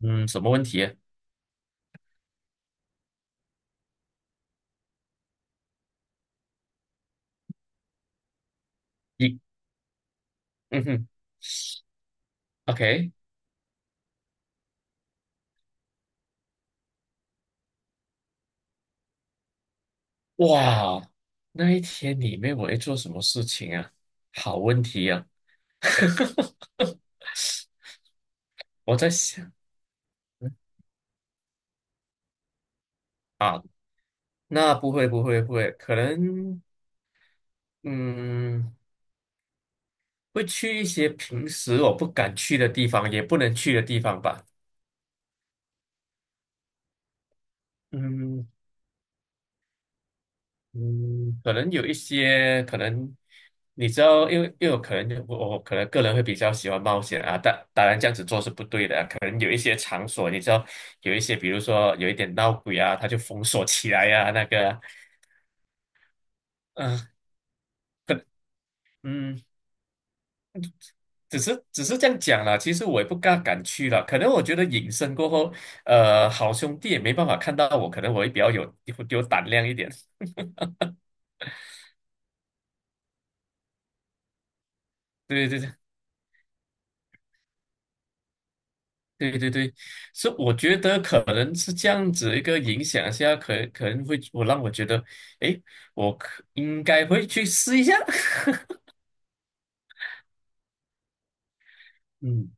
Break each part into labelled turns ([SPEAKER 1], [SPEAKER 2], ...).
[SPEAKER 1] 嗯，什么问题？一，嗯哼，OK，哇，那一天里面我会做什么事情啊？好问题啊。我在想啊，那不会，可能嗯，会去一些平时我不敢去的地方，也不能去的地方吧。嗯，嗯，可能有一些，可能你知道，因为因为我可能我我可能个人会比较喜欢冒险啊，但当然这样子做是不对的啊，可能有一些场所，你知道，有一些比如说有一点闹鬼啊，他就封锁起来呀、啊，那个啊嗯、可嗯，只是这样讲啦，其实我也不大敢去了。可能我觉得隐身过后，好兄弟也没办法看到我，可能我会比较有胆量一点。对对对，对对对，是我觉得可能是这样子一个影响下，可能让我觉得，诶，我应该会去试一下。嗯，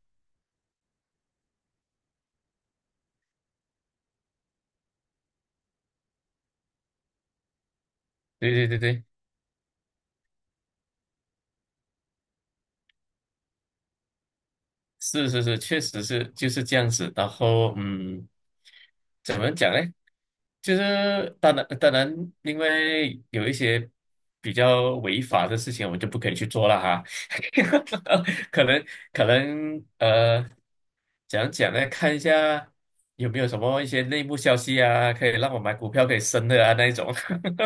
[SPEAKER 1] 对对对对，是是是，确实是就是这样子。然后嗯，怎么讲呢？就是当然，当然，因为有一些比较违法的事情，我们就不可以去做了哈。可能可能呃，讲讲呢，看一下有没有什么一些内幕消息啊，可以让我买股票可以升的啊那一种。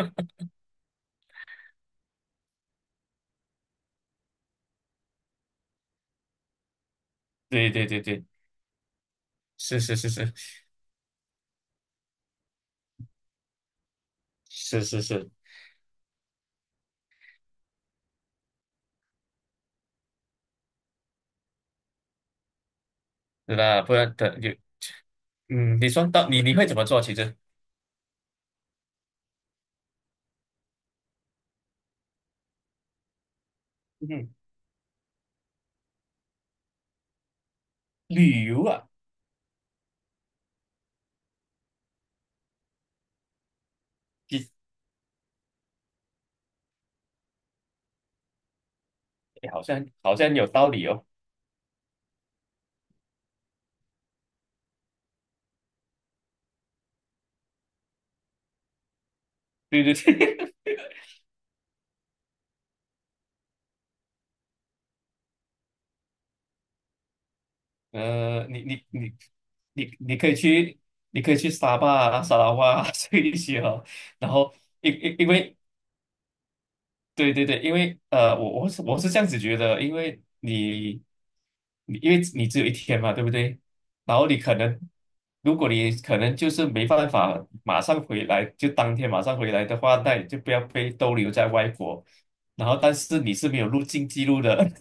[SPEAKER 1] 对对对对，是是是是是是是，那不然等就嗯，你说到你会怎么做？其实嗯，旅游啊，其实好像有道理哦。对对对。呃，你可以去，你可以去沙巴啊、沙拉哇啊 这一些哦。然后因为对对对，因为呃，我是这样子觉得，因为你只有一天嘛，对不对？然后你可能，如果你可能就是没办法马上回来，就当天马上回来的话，那你就不要被逗留在外国。然后，但是你是没有入境记录的。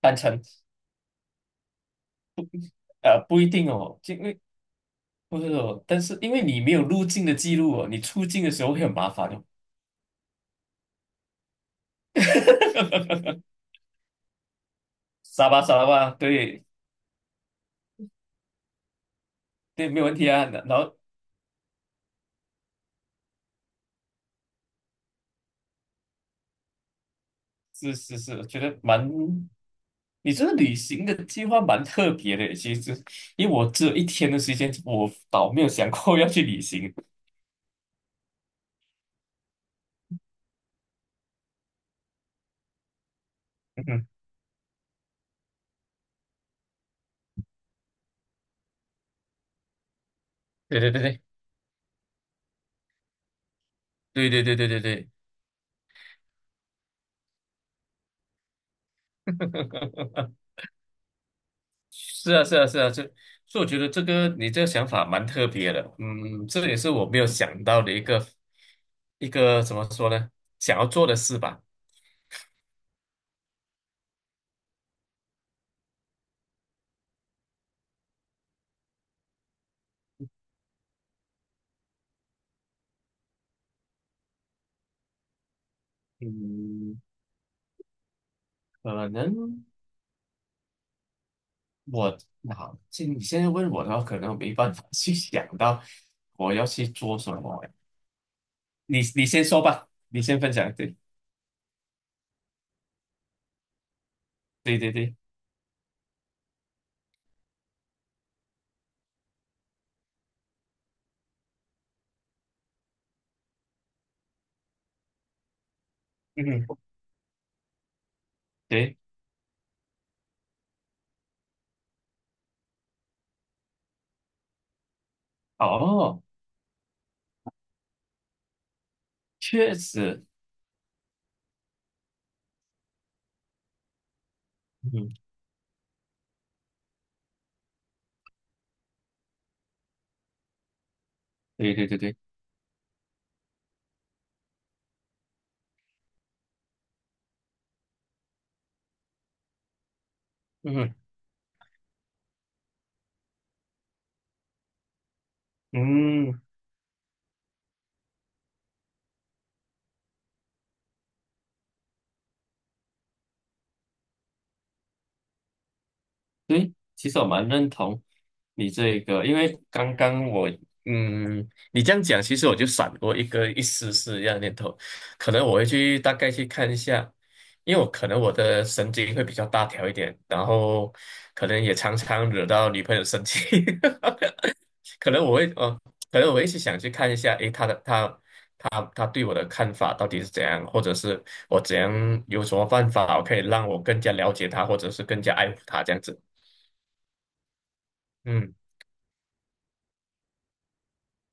[SPEAKER 1] 单程，呃，不一定哦，就因为不是哦，但是因为你没有入境的记录哦，你出境的时候会很麻烦哦。傻吧傻了吧？对对，没有问题啊。然后是是是，我觉得蛮，你这个旅行的计划蛮特别的。其实，因为我只有一天的时间，我倒没有想过要去旅行。嗯，对对对对对对对对对对。是啊，是啊，是啊，这，所以我觉得这个你这个想法蛮特别的，嗯，这也是我没有想到的一个一个怎么说呢，想要做的事吧。嗯，可能我好，现在问我的话，可能我没办法 去想到我要去做什么。你你先说吧，你先分享。对对对对嗯哼，对，哦，确实，嗯，对对对对，嗯哼嗯。对，其实我蛮认同你这个，因为刚刚我，嗯，你这样讲，其实我就闪过一个一丝丝这样的念头，可能我会去大概去看一下，因为我可能我的神经会比较大条一点，然后可能也常常惹到女朋友生气。可能我会，哦，可能我会去想去看一下，诶，她对我的看法到底是怎样，或者是我怎样有什么办法可以让我更加了解她，或者是更加爱护她这样子。嗯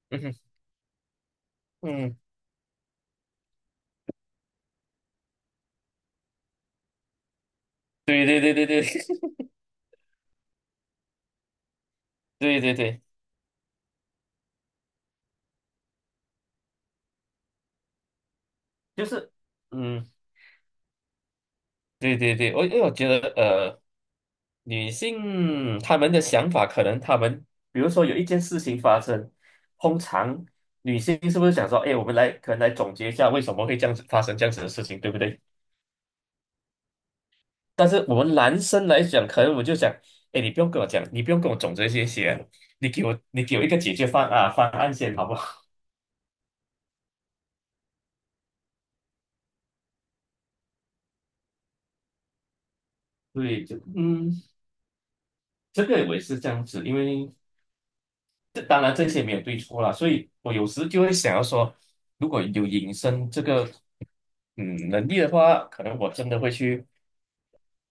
[SPEAKER 1] 嗯哼 嗯，对对对对对 对对对，就是嗯，对对对，因为我觉得呃，女性她们的想法可能她们，比如说有一件事情发生，通常女性是不是想说，哎，我们来可能来总结一下为什么会这样子发生这样子的事情，对不对？但是我们男生来讲，可能我就想，哎，你不用跟我讲，你不用跟我总结这些，你给我一个解决方案啊方案先好不好？对，就嗯，这个我也是这样子，因为。这当然这些没有对错啦，所以我有时就会想要说，如果有隐身这个能力的话，可能我真的会去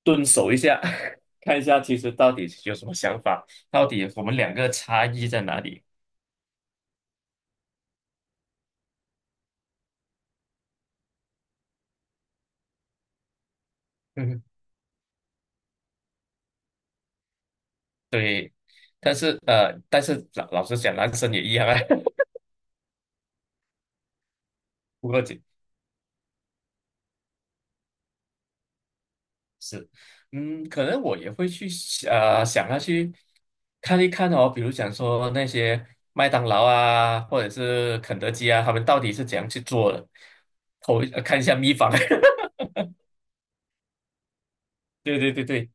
[SPEAKER 1] 蹲守一下。看一下其实到底有什么想法，到底我们两个差异在哪里。嗯，对。但是呃，但是老老实讲，男生也一样啊。不过是，嗯，可能我也会想要去看一看哦，比如讲说那些麦当劳啊，或者是肯德基啊，他们到底是怎样去做的，偷看一下秘方。对对对对，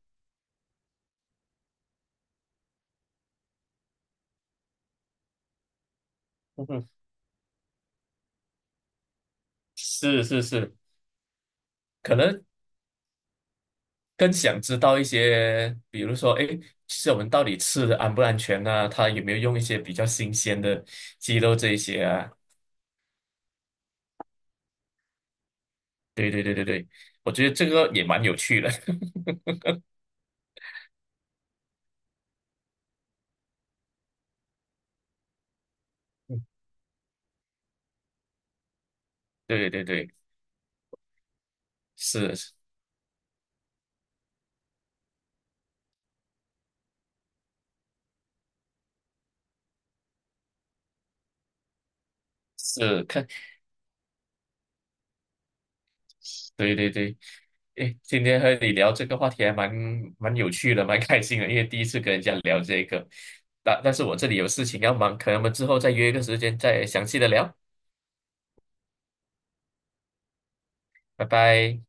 [SPEAKER 1] 嗯哼，是是是，可能更想知道一些，比如说，哎，其实我们到底吃的安不安全啊，它有没有用一些比较新鲜的鸡肉这一些啊？对对对对对，我觉得这个也蛮有趣的。对对对是是。是看，对对对，诶，今天和你聊这个话题还蛮有趣的，蛮开心的，因为第一次跟人家聊这个。但是我这里有事情要忙，可能我们之后再约一个时间再详细的聊，拜拜。